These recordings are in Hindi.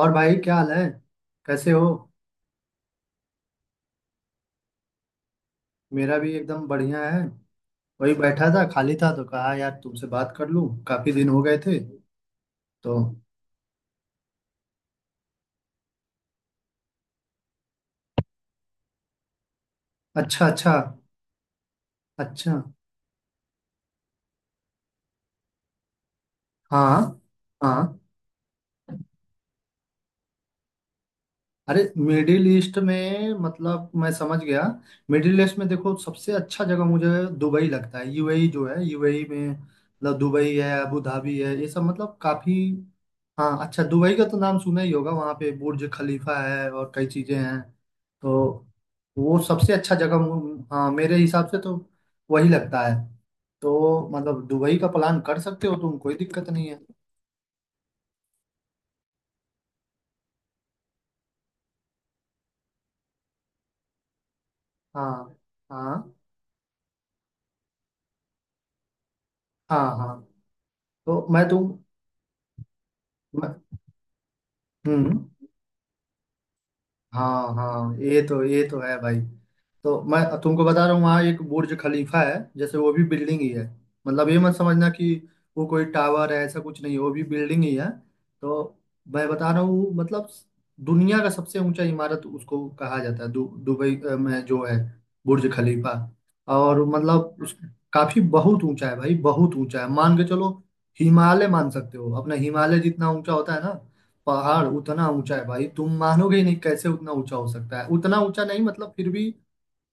और भाई क्या हाल है कैसे हो। मेरा भी एकदम बढ़िया है। वही बैठा था खाली था तो कहा यार तुमसे बात कर लूं काफी दिन हो गए थे तो। अच्छा अच्छा। अच्छा। हाँ हाँ। अरे मिडिल ईस्ट में मतलब मैं समझ गया। मिडिल ईस्ट में देखो सबसे अच्छा जगह मुझे दुबई लगता है। यूएई जो है यूएई में मतलब दुबई है अबू धाबी है ये सब मतलब काफी। हाँ। अच्छा दुबई का तो नाम सुना ही होगा वहाँ पे बुर्ज खलीफा है और कई चीजें हैं। तो वो सबसे अच्छा जगह हाँ मेरे हिसाब से तो वही लगता है। तो मतलब दुबई का प्लान कर सकते हो तुम कोई दिक्कत नहीं है। हाँ हाँ हाँ हाँ। तो मैं- हम्म हाँ हाँ ये तो है भाई। तो मैं तुमको बता रहा हूँ वहाँ एक बुर्ज खलीफा है जैसे वो भी बिल्डिंग ही है। मतलब ये मत समझना कि वो कोई टावर है ऐसा कुछ नहीं है, वो भी बिल्डिंग ही है। तो मैं बता रहा हूँ मतलब दुनिया का सबसे ऊंचा इमारत उसको कहा जाता है दुबई में जो है बुर्ज खलीफा। और मतलब उस। काफी बहुत ऊंचा है भाई बहुत ऊंचा है मान के चलो। हिमालय मान सकते हो अपना हिमालय जितना ऊंचा होता है ना। पहाड़ उतना ऊंचा है भाई तुम मानोगे ही नहीं कैसे उतना ऊंचा हो सकता है उतना ऊंचा नहीं मतलब फिर भी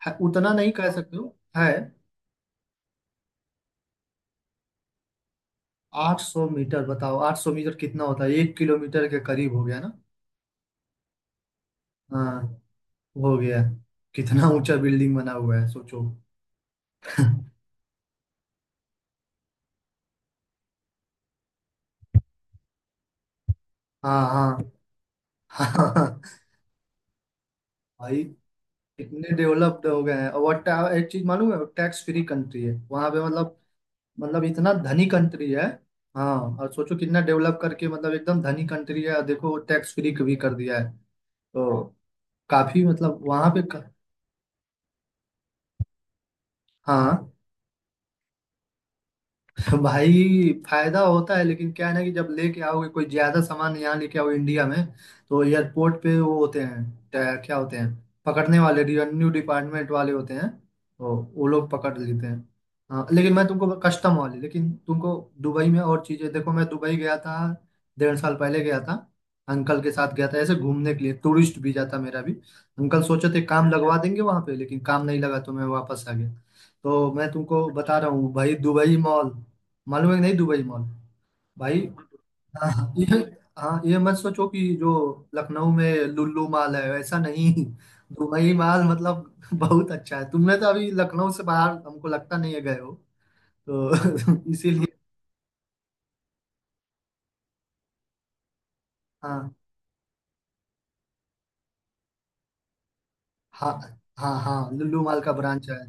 है, उतना नहीं कह सकते हो है। 800 मीटर बताओ 800 मीटर कितना होता है 1 किलोमीटर के करीब हो गया ना। हाँ हो गया। कितना ऊंचा बिल्डिंग बना हुआ है सोचो। हाँ हाँ हाँ हाँ। भाई इतने डेवलप्ड हो गए हैं और एक चीज मालूम है टैक्स फ्री कंट्री है वहां पे मतलब इतना धनी कंट्री है। हाँ। और सोचो कितना डेवलप करके मतलब एकदम धनी कंट्री है और देखो टैक्स फ्री भी कर दिया है। तो काफी मतलब वहां पे का। हाँ भाई फायदा होता है लेकिन क्या है ना कि जब लेके आओगे कोई ज्यादा सामान यहाँ लेके आओ इंडिया में तो एयरपोर्ट पे वो होते हैं क्या होते हैं पकड़ने वाले रेवेन्यू डिपार्टमेंट वाले होते हैं तो वो लोग पकड़ लेते हैं। हाँ लेकिन मैं तुमको कस्टम वाले लेकिन तुमको दुबई में और चीजें देखो मैं दुबई गया था 1.5 साल पहले गया था। अंकल के साथ गया था ऐसे घूमने के लिए टूरिस्ट वीजा था मेरा भी। अंकल सोचे थे काम लगवा देंगे वहां पे लेकिन काम नहीं लगा तो मैं वापस आ गया। तो मैं तुमको बता रहा हूँ भाई दुबई मॉल मालूम है कि नहीं दुबई मॉल भाई। हाँ ये हाँ ये मत सोचो कि जो लखनऊ में लुल्लू मॉल है ऐसा नहीं। दुबई मॉल मतलब बहुत अच्छा है तुमने तो अभी लखनऊ से बाहर हमको लगता नहीं है गए हो। तो इसीलिए। हाँ हाँ हाँ हाँ लुल्लू मॉल का ब्रांच है।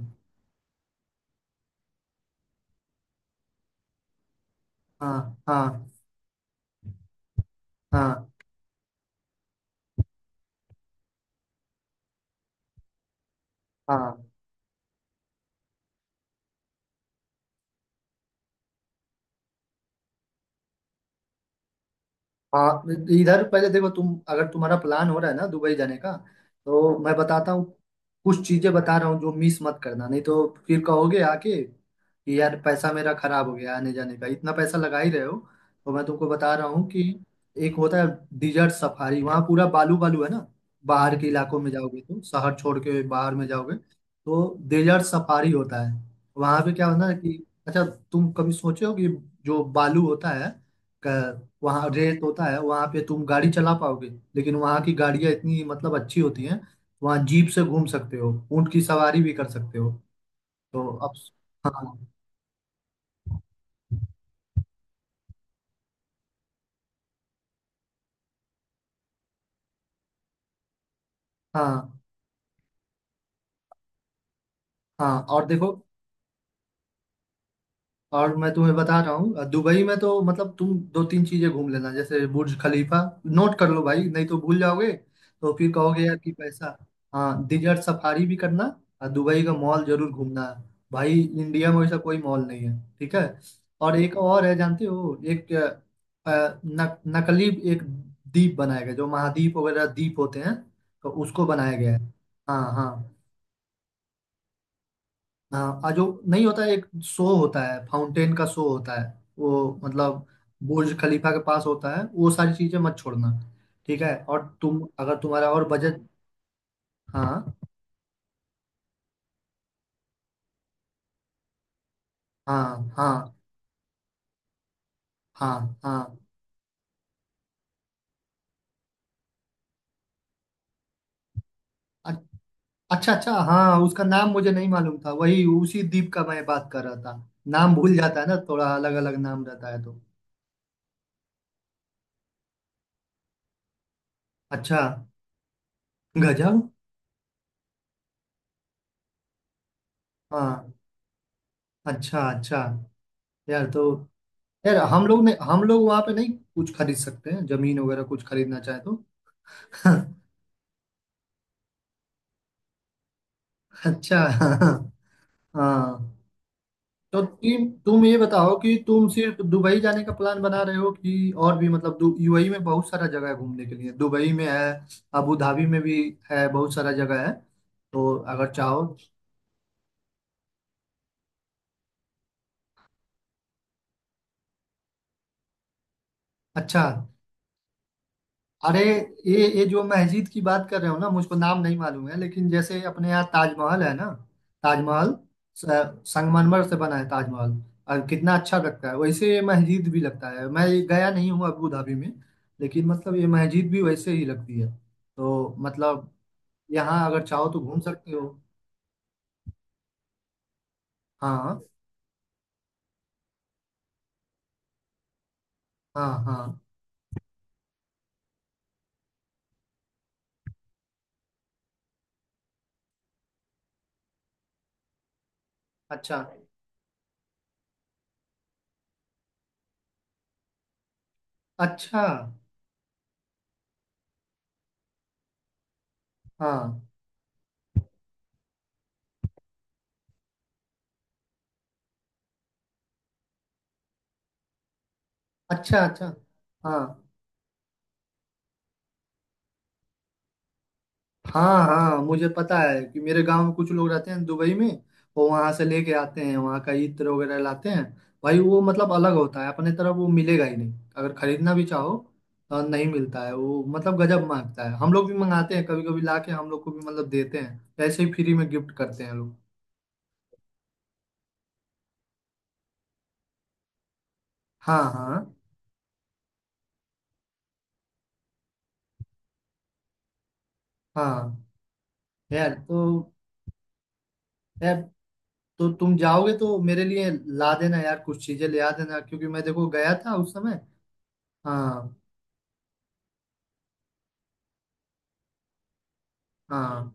हाँ हाँ हाँ हाँ हाँ। इधर पहले देखो तुम अगर तुम्हारा प्लान हो रहा है ना दुबई जाने का तो मैं बताता हूँ कुछ चीजें बता रहा हूँ जो मिस मत करना नहीं तो फिर कहोगे आके कि यार पैसा मेरा खराब हो गया आने जाने का इतना पैसा लगा ही रहे हो। तो मैं तुमको बता रहा हूँ कि एक होता है डिजर्ट सफारी वहाँ पूरा बालू बालू है ना। बाहर के इलाकों में जाओगे तुम शहर छोड़ के बाहर में जाओगे तो डिजर्ट सफारी होता है। वहाँ पे क्या होता है कि अच्छा तुम कभी सोचे हो कि जो बालू होता है वहाँ रेत होता है वहाँ पे तुम गाड़ी चला पाओगे। लेकिन वहाँ की गाड़ियाँ इतनी मतलब अच्छी होती हैं। वहाँ जीप से घूम सकते हो ऊँट की सवारी भी कर सकते हो। तो अब। हाँ हाँ हाँ। और देखो और मैं तुम्हें बता रहा हूँ दुबई में तो मतलब तुम दो तीन चीजें घूम लेना जैसे बुर्ज खलीफा। नोट कर लो भाई नहीं तो भूल जाओगे। तो फिर कहोगे यार कि पैसा। हाँ डिजर्ट सफारी भी करना। और दुबई का मॉल जरूर घूमना। भाई इंडिया में वैसा कोई मॉल नहीं है ठीक है। और एक और है जानते हो एक अ, अ, न, नकली एक द्वीप बनाया गया जो महाद्वीप वगैरह द्वीप होते हैं। तो उसको बनाया गया है। हाँ हाँ हाँ। आ जो नहीं होता है, एक शो होता है फाउंटेन का शो होता है। वो मतलब बुर्ज खलीफा के पास होता है वो सारी चीजें मत छोड़ना। ठीक है और तुम अगर तुम्हारा और बजट। हाँ हाँ हाँ हाँ हाँ। अ- अच्छा अच्छा हाँ उसका नाम मुझे नहीं मालूम था वही उसी द्वीप का मैं बात कर रहा था। नाम भूल जाता है ना थोड़ा अलग अलग नाम रहता है तो। अच्छा। गजब। हाँ अच्छा अच्छा। यार तो। यार हम लोग वहाँ पे नहीं कुछ खरीद सकते हैं जमीन वगैरह कुछ खरीदना चाहे तो। अच्छा हाँ हाँ। तो तीन तुम ये बताओ कि तुम सिर्फ दुबई जाने का प्लान बना रहे हो कि और भी मतलब यूएई में बहुत सारा जगह है घूमने के लिए दुबई में है अबू धाबी में भी है बहुत सारा जगह है तो अगर चाहो। अच्छा। अरे ये जो मस्जिद की बात कर रहे हो ना मुझको नाम नहीं मालूम है लेकिन जैसे अपने यहाँ ताजमहल है ना। ताजमहल स- संगमरमर से बना है ताजमहल। और कितना अच्छा लगता है वैसे ये मस्जिद भी लगता है मैं ये गया नहीं हूँ अबू धाबी में। लेकिन मतलब ये मस्जिद भी वैसे ही लगती है। तो मतलब यहाँ अगर चाहो तो घूम सकते हो। हाँ हाँ हाँ। अच्छा अच्छा। हाँ अच्छा अच्छा। हाँ हाँ हाँ मुझे पता है कि मेरे गांव में कुछ लोग रहते हैं दुबई में। वो वहां से लेके आते हैं वहां का इत्र वगैरह लाते हैं। भाई वो मतलब अलग होता है अपने तरफ वो मिलेगा ही नहीं अगर खरीदना भी चाहो। नहीं मिलता है वो मतलब गजब मांगता है हम लोग भी मंगाते हैं कभी कभी ला के हम लोग को भी मतलब देते हैं ऐसे ही फ्री में गिफ्ट करते हैं लोग। हाँ हाँ हाँ। यार तो। यार तो तुम जाओगे तो मेरे लिए ला देना यार कुछ चीजें ले आ देना क्योंकि मैं देखो गया था उस समय। हाँ हाँ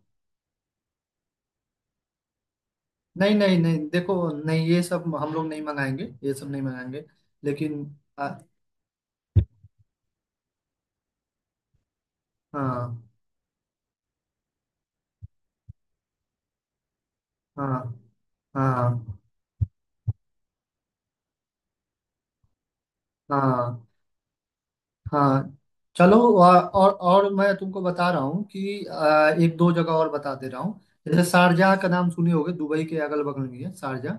नहीं नहीं नहीं देखो नहीं ये सब हम लोग नहीं मंगाएंगे ये सब नहीं मंगाएंगे। लेकिन आ- हाँ हाँ हाँ हाँ हाँ चलो और मैं तुमको बता रहा हूँ कि एक दो जगह और बता दे रहा हूँ। जैसे शारजाह का नाम सुने होगे दुबई के अगल बगल में ही है शारजाह।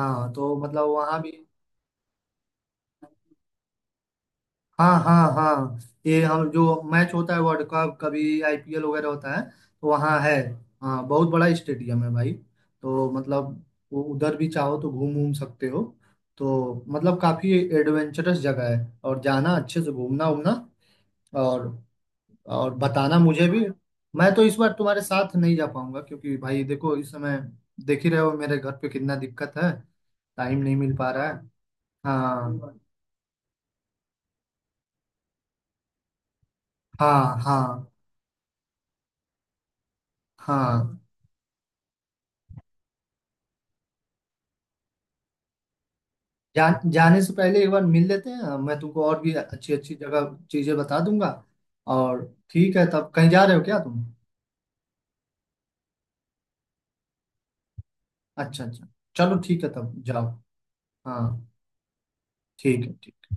हाँ तो मतलब वहाँ भी। हाँ हाँ हाँ ये हम जो मैच होता है वर्ल्ड कप कभी आईपीएल वगैरह होता है तो वहाँ है। हाँ बहुत बड़ा स्टेडियम है भाई। तो मतलब वो उधर भी चाहो तो घूम घूम सकते हो। तो मतलब काफी एडवेंचरस जगह है और जाना अच्छे से घूमना उमना और और बताना मुझे भी। मैं तो इस बार तुम्हारे साथ नहीं जा पाऊंगा क्योंकि भाई देखो इस समय देख ही रहे हो मेरे घर पे कितना दिक्कत है टाइम नहीं मिल पा रहा है। हाँ हाँ हाँ हाँ जान जाने से पहले एक बार मिल लेते हैं मैं तुमको और भी अच्छी अच्छी जगह चीजें बता दूंगा। और। ठीक है तब कहीं जा रहे हो क्या तुम। अच्छा अच्छा। चलो ठीक है तब जाओ। हाँ ठीक है ठीक।